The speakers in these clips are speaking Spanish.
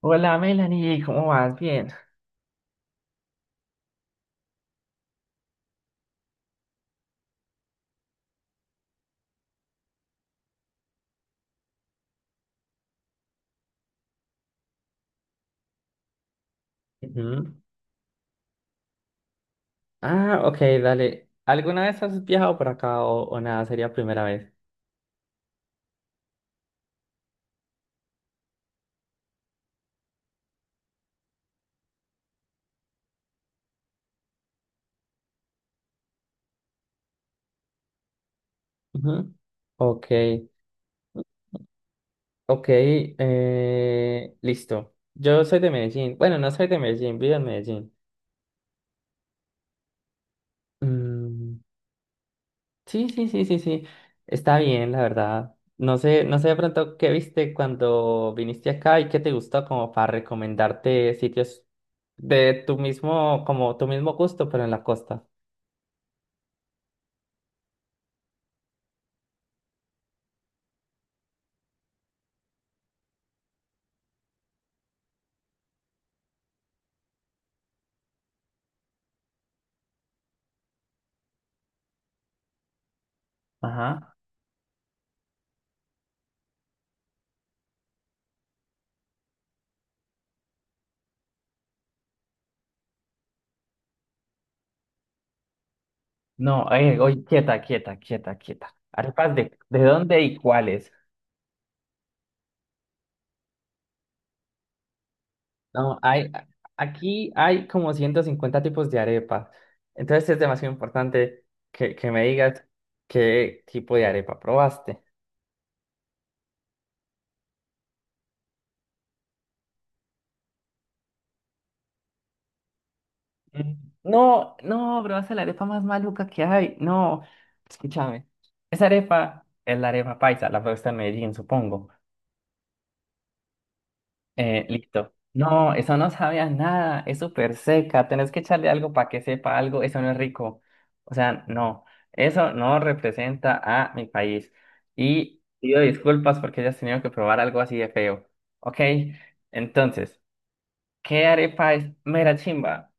Hola Melanie, ¿cómo vas? Bien. Ujú. Ah, ok, dale. ¿Alguna vez has viajado por acá o nada? Sería primera vez. Ujú. Ok, ok, listo. Yo soy de Medellín. Bueno, no soy de Medellín, vivo en Medellín. Mm, sí, sí, sí, sí, sí. Está bien, la verdad. No sé de pronto qué viste cuando viniste acá y qué te gustó como para recomendarte sitios de tu mismo, como tu mismo gusto, pero en la costa. Ajá. No, oye, quieta, quieta, quieta, quieta. ¿Arepas de dónde y cuáles? No, hay, aquí hay como 150 tipos de arepas. Entonces es demasiado importante que me digas qué tipo de arepa probaste. Mm, No, no, probaste la arepa más maluca que hay. No, escúchame. Esa arepa es la arepa paisa, la probaste en Medellín, supongo. Listo. No, eso no sabía nada, es súper seca, tenés que echarle algo para que sepa algo, eso no es rico. O sea, no, eso no representa a mi país. Y pido disculpas porque hayas tenido que probar algo así de feo. Ok, entonces, ¿qué arepa es mera chimba?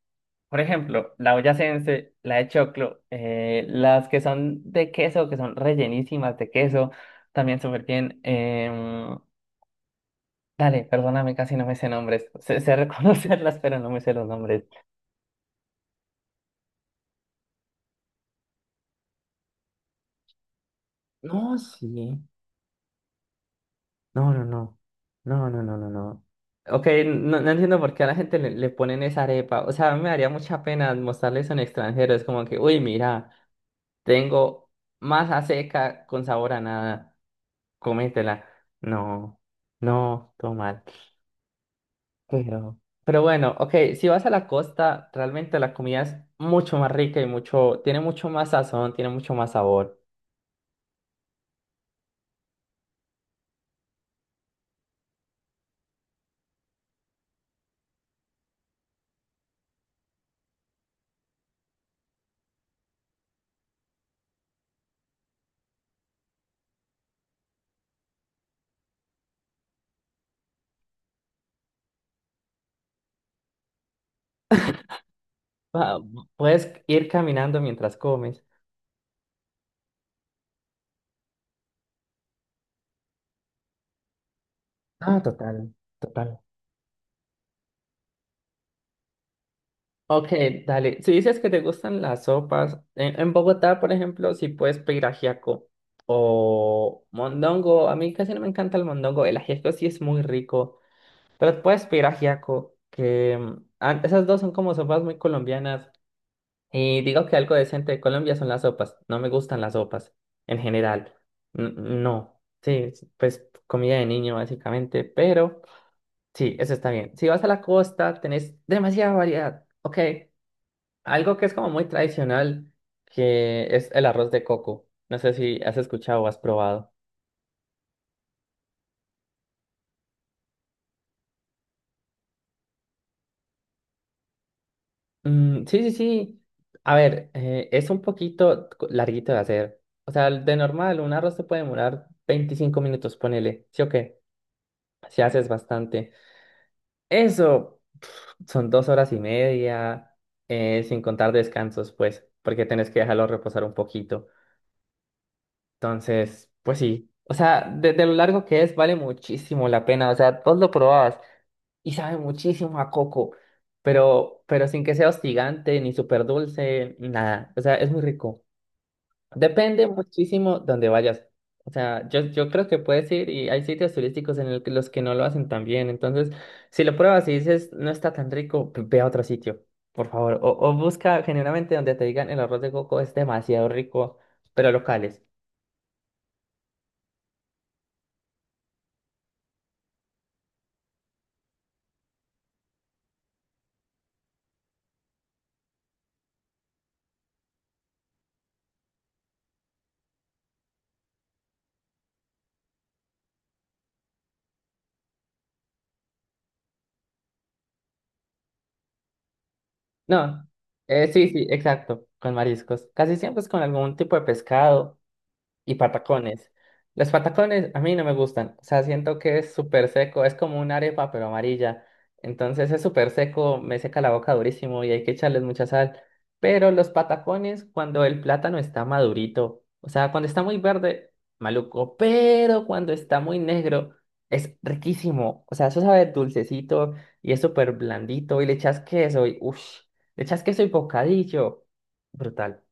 Por ejemplo, la boyacense, la de choclo, las que son de queso, que son rellenísimas de queso, también súper bien. Dale, perdóname, casi no me sé nombres. Sé reconocerlas, pero no me sé los nombres. No, sí. No, no, no. No, no, no, no, no. Ok, no, no entiendo por qué a la gente le ponen esa arepa. O sea, a mí me daría mucha pena mostrarles en extranjero. Es como que, uy, mira, tengo masa seca con sabor a nada. Cométela. No, no, todo mal. Pero, pero bueno, ok, si vas a la costa, realmente la comida es mucho más rica y mucho, tiene mucho más sazón, tiene mucho más sabor. Ah, puedes ir caminando mientras comes. Ah, total, total. Ok, dale. Si dices que te gustan las sopas, en Bogotá, por ejemplo, si puedes pedir ajiaco o mondongo. A mí casi no me encanta el mondongo. El ajiaco sí es muy rico, pero puedes pedir ajiaco, que esas dos son como sopas muy colombianas. Y digo que algo decente de Colombia son las sopas. No me gustan las sopas en general. No. Sí, pues comida de niño básicamente, pero... Sí, eso está bien. Si vas a la costa, tenés demasiada variedad. Ok, algo que es como muy tradicional, que es el arroz de coco. No sé si has escuchado o has probado. Sí, sí, sí. A ver, es un poquito larguito de hacer. O sea, de normal, un arroz te puede demorar 25 minutos, ponele. ¿Sí o qué? Si haces bastante. Eso son 2 horas y media, sin contar descansos, pues, porque tenés que dejarlo reposar un poquito. Entonces, pues sí. O sea, de lo largo que es, vale muchísimo la pena. O sea, vos lo probabas y sabe muchísimo a coco, pero sin que sea hostigante, ni súper dulce, nada. O sea, es muy rico. Depende muchísimo donde vayas. O sea, yo creo que puedes ir y hay sitios turísticos en los que no lo hacen tan bien. Entonces, si lo pruebas y dices, no está tan rico, pues ve a otro sitio, por favor. O busca generalmente donde te digan el arroz de coco es demasiado rico, pero locales. No, sí, sí, exacto, con mariscos. Casi siempre es con algún tipo de pescado. Y patacones. Los patacones a mí no me gustan. O sea, siento que es súper seco. Es como una arepa, pero amarilla. Entonces es súper seco, me seca la boca durísimo y hay que echarles mucha sal. Pero los patacones, cuando el plátano está madurito, o sea, cuando está muy verde, maluco. Pero cuando está muy negro, es riquísimo. O sea, eso sabe dulcecito y es súper blandito. Y le echas queso y uff, le echas queso y bocadillo. Brutal.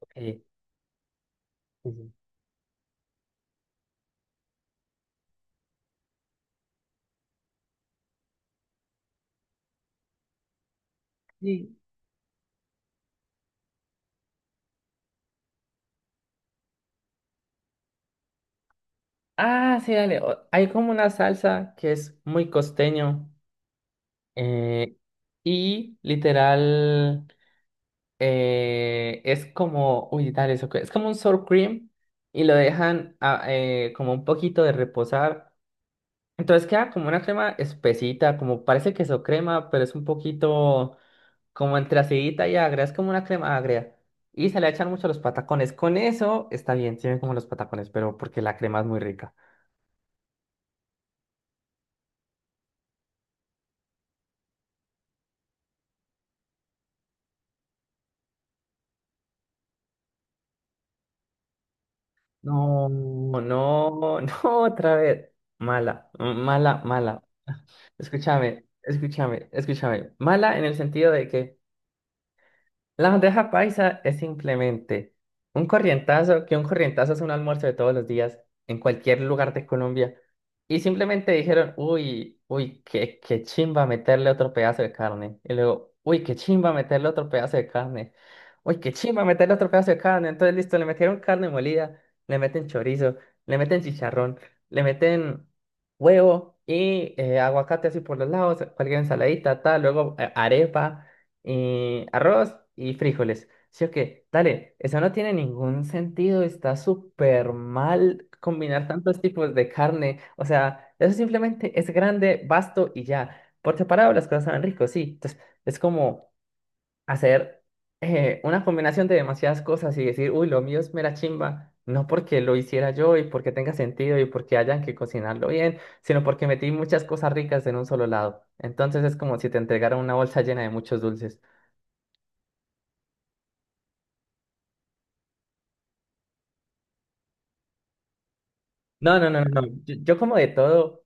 Ok. Sí, sí. Ah, sí, dale. Hay como una salsa que es muy costeño eh, y literal es como, uy, dale, es como un sour cream y lo dejan como un poquito de reposar. Entonces queda como una crema espesita, como parece queso crema, pero es un poquito como entre acidita y agria, es como una crema agria. Y se le echan mucho los patacones. Con eso está bien, tienen como los patacones, pero porque la crema es muy rica. No, no, no, otra vez. Mala, mala, mala. Escúchame, escúchame, escúchame. Mala en el sentido de que la bandeja paisa es simplemente un corrientazo, que un corrientazo es un almuerzo de todos los días en cualquier lugar de Colombia. Y simplemente dijeron, uy, uy, qué chimba meterle otro pedazo de carne. Y luego, uy, qué chimba meterle otro pedazo de carne. Uy, qué chimba meterle otro pedazo de carne. Entonces, listo, le metieron carne molida, le meten chorizo, le meten chicharrón, le meten huevo y aguacate así por los lados, cualquier ensaladita, tal, luego arepa y arroz y frijoles. Sí o qué, dale, eso no tiene ningún sentido, está súper mal combinar tantos tipos de carne. O sea, eso simplemente es grande, vasto y ya. Por separado las cosas saben ricos, sí. Entonces, es como hacer una combinación de demasiadas cosas y decir, uy, lo mío es mera chimba. No porque lo hiciera yo y porque tenga sentido y porque hayan que cocinarlo bien, sino porque metí muchas cosas ricas en un solo lado. Entonces es como si te entregaran una bolsa llena de muchos dulces. No, no, no, no, no. Yo como de todo,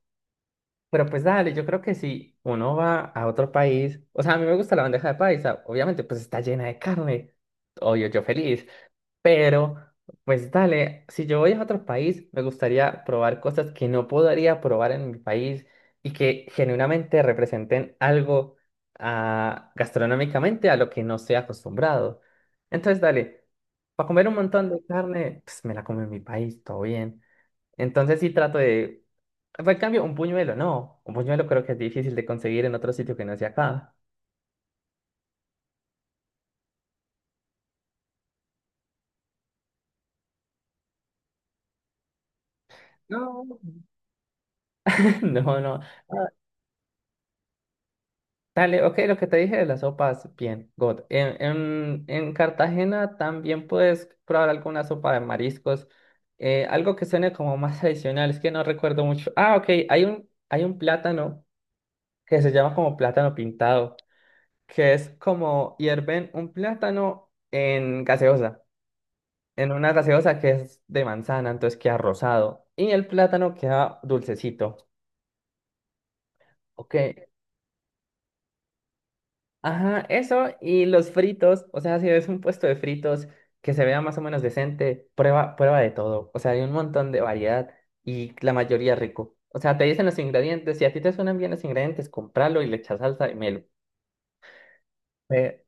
pero pues dale, yo creo que si uno va a otro país, o sea, a mí me gusta la bandeja de paisa, obviamente pues está llena de carne, obvio, yo feliz, pero pues dale, si yo voy a otro país, me gustaría probar cosas que no podría probar en mi país y que genuinamente representen algo gastronómicamente a lo que no estoy acostumbrado. Entonces, dale, para comer un montón de carne, pues me la como en mi país, todo bien. Entonces sí trato de... En cambio, un puñuelo, no. Un puñuelo creo que es difícil de conseguir en otro sitio que no sea acá. No, no, no. Ah, dale, ok, lo que te dije de las sopas, bien, God. En Cartagena también puedes probar alguna sopa de mariscos. Algo que suene como más tradicional, es que no recuerdo mucho. Ah, ok, hay un plátano que se llama como plátano pintado, que es como hierven un plátano en gaseosa. En una gaseosa que es de manzana, entonces queda rosado. Y el plátano queda dulcecito. Ok. Ajá, eso y los fritos. O sea, si ves un puesto de fritos que se vea más o menos decente, prueba, prueba de todo. O sea, hay un montón de variedad y la mayoría rico. O sea, te dicen los ingredientes. Si a ti te suenan bien los ingredientes, compralo y le echas salsa y melo. Eh,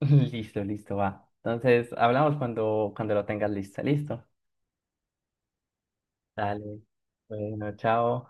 Listo, listo, va. Entonces, hablamos cuando lo tengas listo. Listo. Dale. Bueno, chao.